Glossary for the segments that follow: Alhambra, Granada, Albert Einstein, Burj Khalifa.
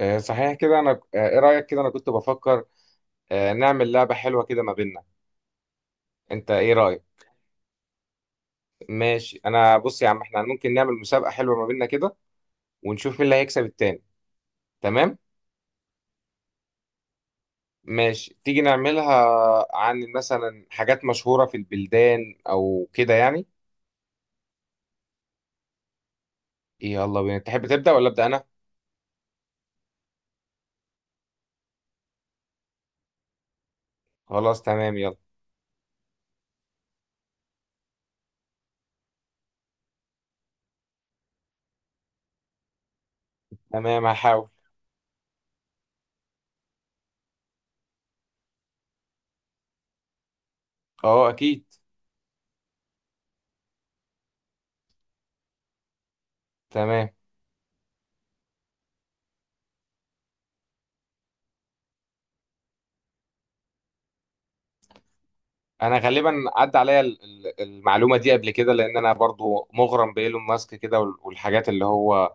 صحيح كده. انا ايه رايك؟ كده انا كنت بفكر نعمل لعبه حلوه كده ما بيننا. انت ايه رايك؟ ماشي انا، بص يا عم، احنا ممكن نعمل مسابقه حلوه ما بيننا كده، ونشوف مين اللي هيكسب التاني. تمام. ماشي تيجي نعملها، عن مثلا حاجات مشهوره في البلدان او كده يعني. يلا بينا. تحب تبدا ولا ابدا انا؟ خلاص تمام يلا. تمام هحاول. اه اكيد. تمام. انا غالبا عدى عليا المعلومه دي قبل كده، لان انا برضو مغرم بايلون ماسك كده، والحاجات اللي هو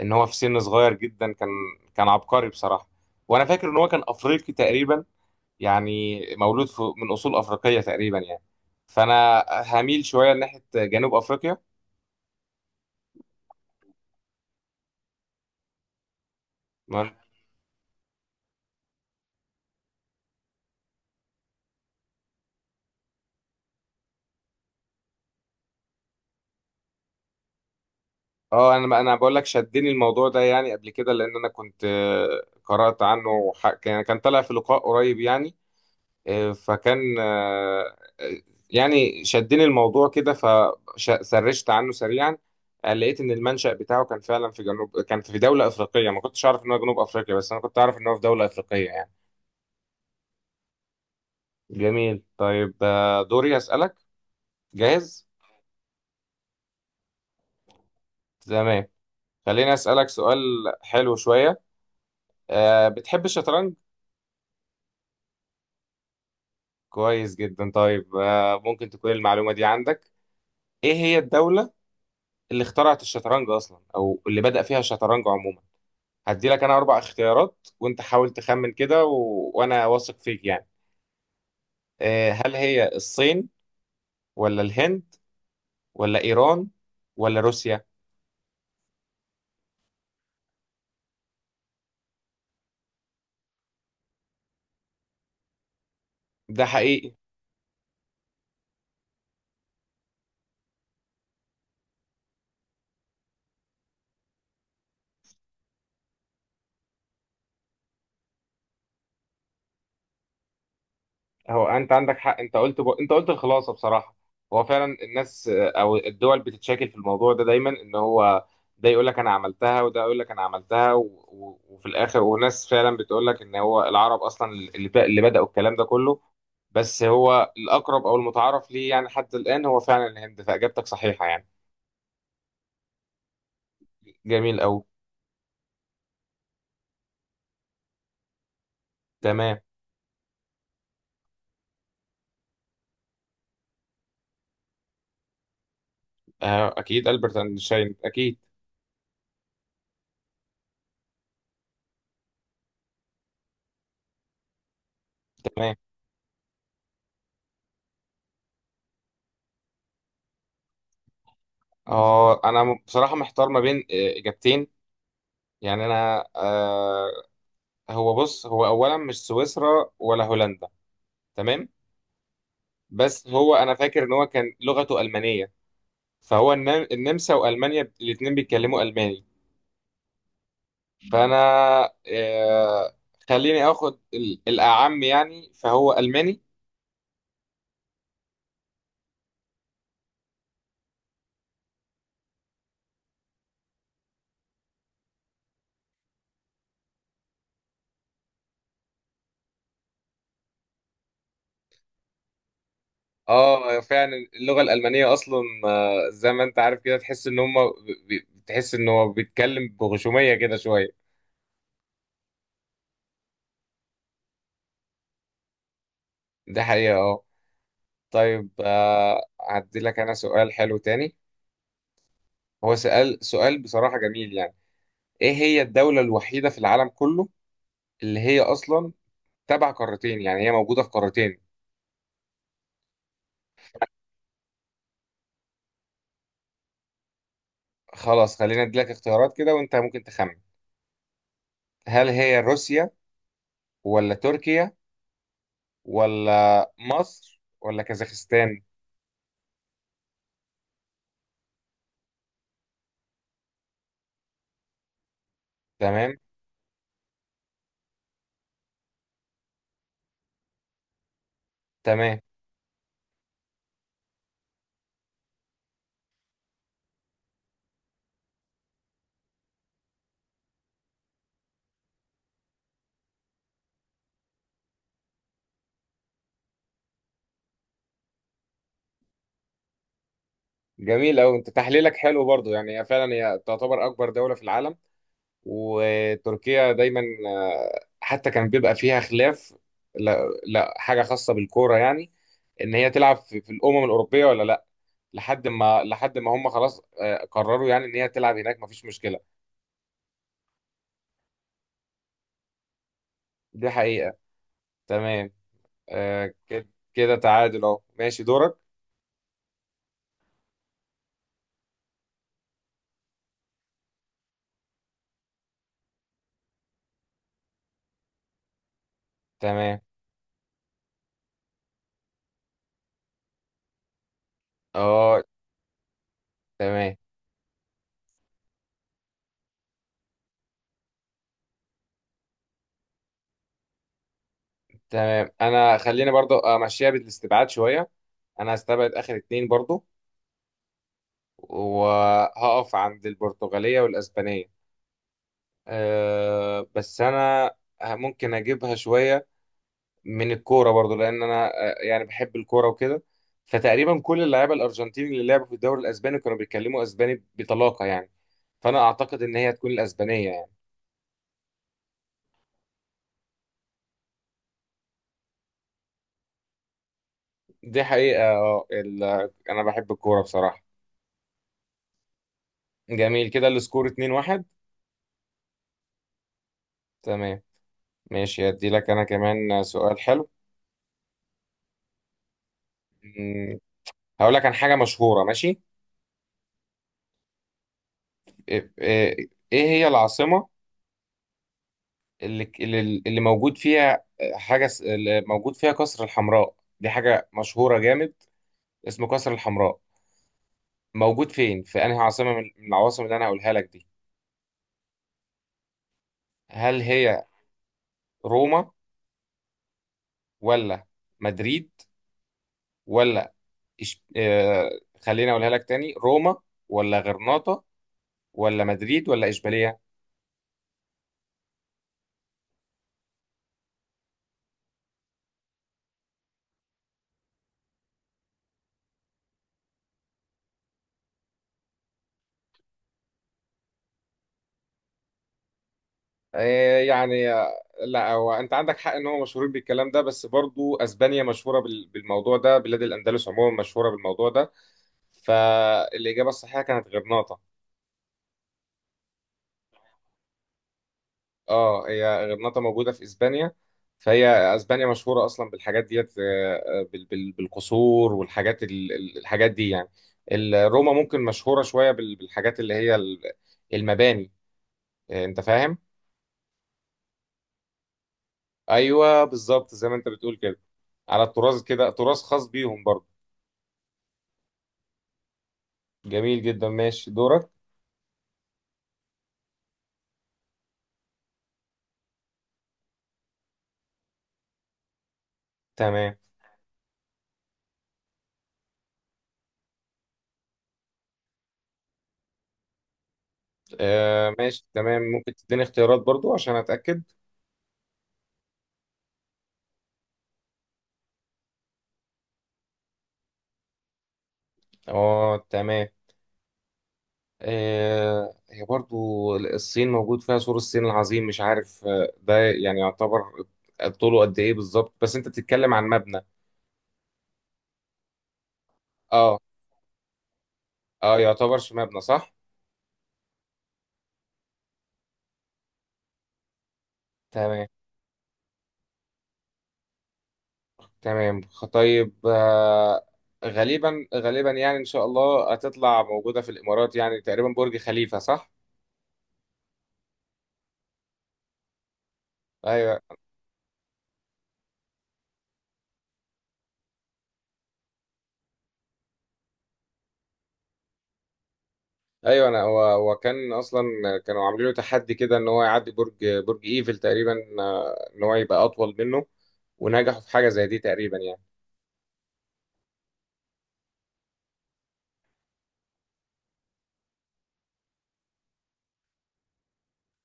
ان هو في سن صغير جدا كان كان عبقري بصراحه. وانا فاكر ان هو كان افريقي تقريبا، يعني مولود من اصول افريقيه تقريبا يعني. فانا هميل شويه ناحيه جنوب افريقيا. ما- اه، انا بقول لك، شدني الموضوع ده يعني قبل كده، لان انا كنت قرات عنه، كان طالع في لقاء قريب يعني. فكان يعني شدني الموضوع كده فسرشت عنه سريعا. لقيت ان المنشأ بتاعه كان فعلا في جنوب، كان في دولة افريقية. ما كنتش اعرف ان هو جنوب افريقيا بس انا كنت اعرف ان هو في دولة افريقية يعني. جميل طيب، دوري اسألك. جاهز؟ تمام. خليني اسألك سؤال حلو شوية. بتحب الشطرنج؟ كويس جدا. طيب ممكن تكون المعلومة دي عندك. ايه هي الدولة اللي اخترعت الشطرنج اصلا، او اللي بدأ فيها الشطرنج عموما؟ هدي لك انا اربع اختيارات وانت حاول تخمن كده وانا واثق فيك يعني. هل هي الصين، ولا الهند، ولا ايران، ولا روسيا؟ ده حقيقي. هو انت عندك حق، انت قلت الخلاصه بصراحه. هو فعلا الناس او الدول بتتشاكل في الموضوع ده دايما، ان هو ده يقول لك انا عملتها، وده يقول لك انا عملتها، وفي الاخر، وناس فعلا بتقول لك ان هو العرب اصلا اللي بداوا الكلام ده كله. بس هو الاقرب او المتعارف ليه يعني حتى الان هو فعلا الهند، فاجابتك صحيحه يعني. جميل قوي. تمام. آه، اكيد البرت اينشتاين اكيد. تمام. اه انا بصراحه محتار ما بين اجابتين يعني. انا آه هو بص، هو اولا مش سويسرا ولا هولندا. تمام. بس هو انا فاكر ان هو كان لغته المانيه، فهو النمسا والمانيا الاثنين بيتكلموا الماني. فانا آه خليني اخد الاعم يعني، فهو الماني. اه فعلا اللغه الالمانيه اصلا، زي ما انت عارف كده تحس ان هم، تحس ان هو بيتكلم بغشوميه كده شويه. ده حقيقه اه. طيب هدي لك انا سؤال حلو تاني. هو سؤال بصراحه جميل يعني. ايه هي الدولة الوحيدة في العالم كله اللي هي اصلا تبع قارتين، يعني هي موجودة في قارتين؟ خلاص خلينا اديلك اختيارات كده وانت ممكن تخمن. هل هي روسيا، ولا تركيا، ولا مصر، ولا كازاخستان؟ تمام. تمام. جميل أوي، انت تحليلك حلو برضو يعني. هي فعلا هي تعتبر اكبر دولة في العالم. وتركيا دايما حتى كان بيبقى فيها خلاف. لا حاجة خاصة بالكورة يعني، ان هي تلعب في الامم الاوروبية ولا لا. لحد ما هم خلاص قرروا يعني ان هي تلعب هناك مفيش مشكله. دي حقيقه. تمام كده. كده تعادل اهو. ماشي دورك. تمام. اه تمام. تمام انا خليني برضو امشيها بالاستبعاد شويه. انا هستبعد اخر اتنين برضو، وهقف عند البرتغاليه والاسبانيه. بس انا ممكن اجيبها شويه من الكوره برضو، لان انا يعني بحب الكوره وكده. فتقريبا كل اللعيبه الارجنتين اللي لعبوا في الدوري الاسباني كانوا بيتكلموا اسباني بطلاقه يعني. فانا اعتقد ان هي هتكون الاسبانيه يعني. دي حقيقه انا بحب الكوره بصراحه. جميل كده السكور 2-1. تمام. ماشي هدي لك انا كمان سؤال حلو. مم، هقول لك عن حاجه مشهوره ماشي. ايه إيه- إيه هي العاصمه اللي موجود فيها اللي موجود فيها قصر الحمراء؟ دي حاجه مشهوره جامد، اسمه قصر الحمراء. موجود فين، في انهي عاصمة من العواصم اللي انا هقولها لك دي؟ هل هي روما، ولا مدريد، ولا إش... آه... خليني اقولها لك تاني. روما، ولا غرناطة، ولا مدريد، ولا اشبيلية؟ يعني لا هو انت عندك حق ان هو مشهورين بالكلام ده، بس برضو اسبانيا مشهورة بالموضوع ده. بلاد الاندلس عموما مشهورة بالموضوع ده. فالاجابة الصحيحة كانت غرناطة. اه هي غرناطة موجودة في اسبانيا. فهي اسبانيا مشهورة اصلا بالحاجات ديت بالقصور، والحاجات الحاجات دي يعني. روما ممكن مشهورة شوية بالحاجات اللي هي المباني. انت فاهم. ايوه بالظبط زي ما انت بتقول كده، على التراث كده، تراث خاص بيهم برضه. جميل جدا ماشي دورك. تمام ماشي. تمام ممكن تديني اختيارات برضو عشان اتاكد. اه تمام. هي برضو الصين موجود فيها سور الصين العظيم، مش عارف ده يعني يعتبر طوله قد ايه بالظبط. بس انت بتتكلم عن مبنى. اه اه يعتبر مبنى صح. تمام. تمام طيب، غالبا يعني ان شاء الله هتطلع موجودة في الامارات، يعني تقريبا برج خليفة صح. ايوه. ايوه انا، هو كان اصلا كانوا عاملين له تحدي كده ان هو يعدي برج، برج ايفل تقريبا. ان هو يبقى اطول منه، ونجحوا في حاجة زي دي تقريبا يعني.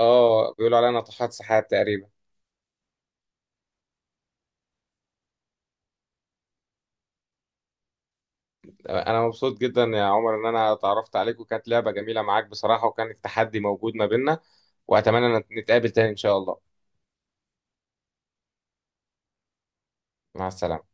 اه بيقولوا عليا ناطحات سحاب تقريبا. انا مبسوط جدا يا عمر ان انا اتعرفت عليك، وكانت لعبة جميلة معاك بصراحة، وكان التحدي موجود ما بيننا. واتمنى ان نتقابل تاني ان شاء الله. مع السلامة.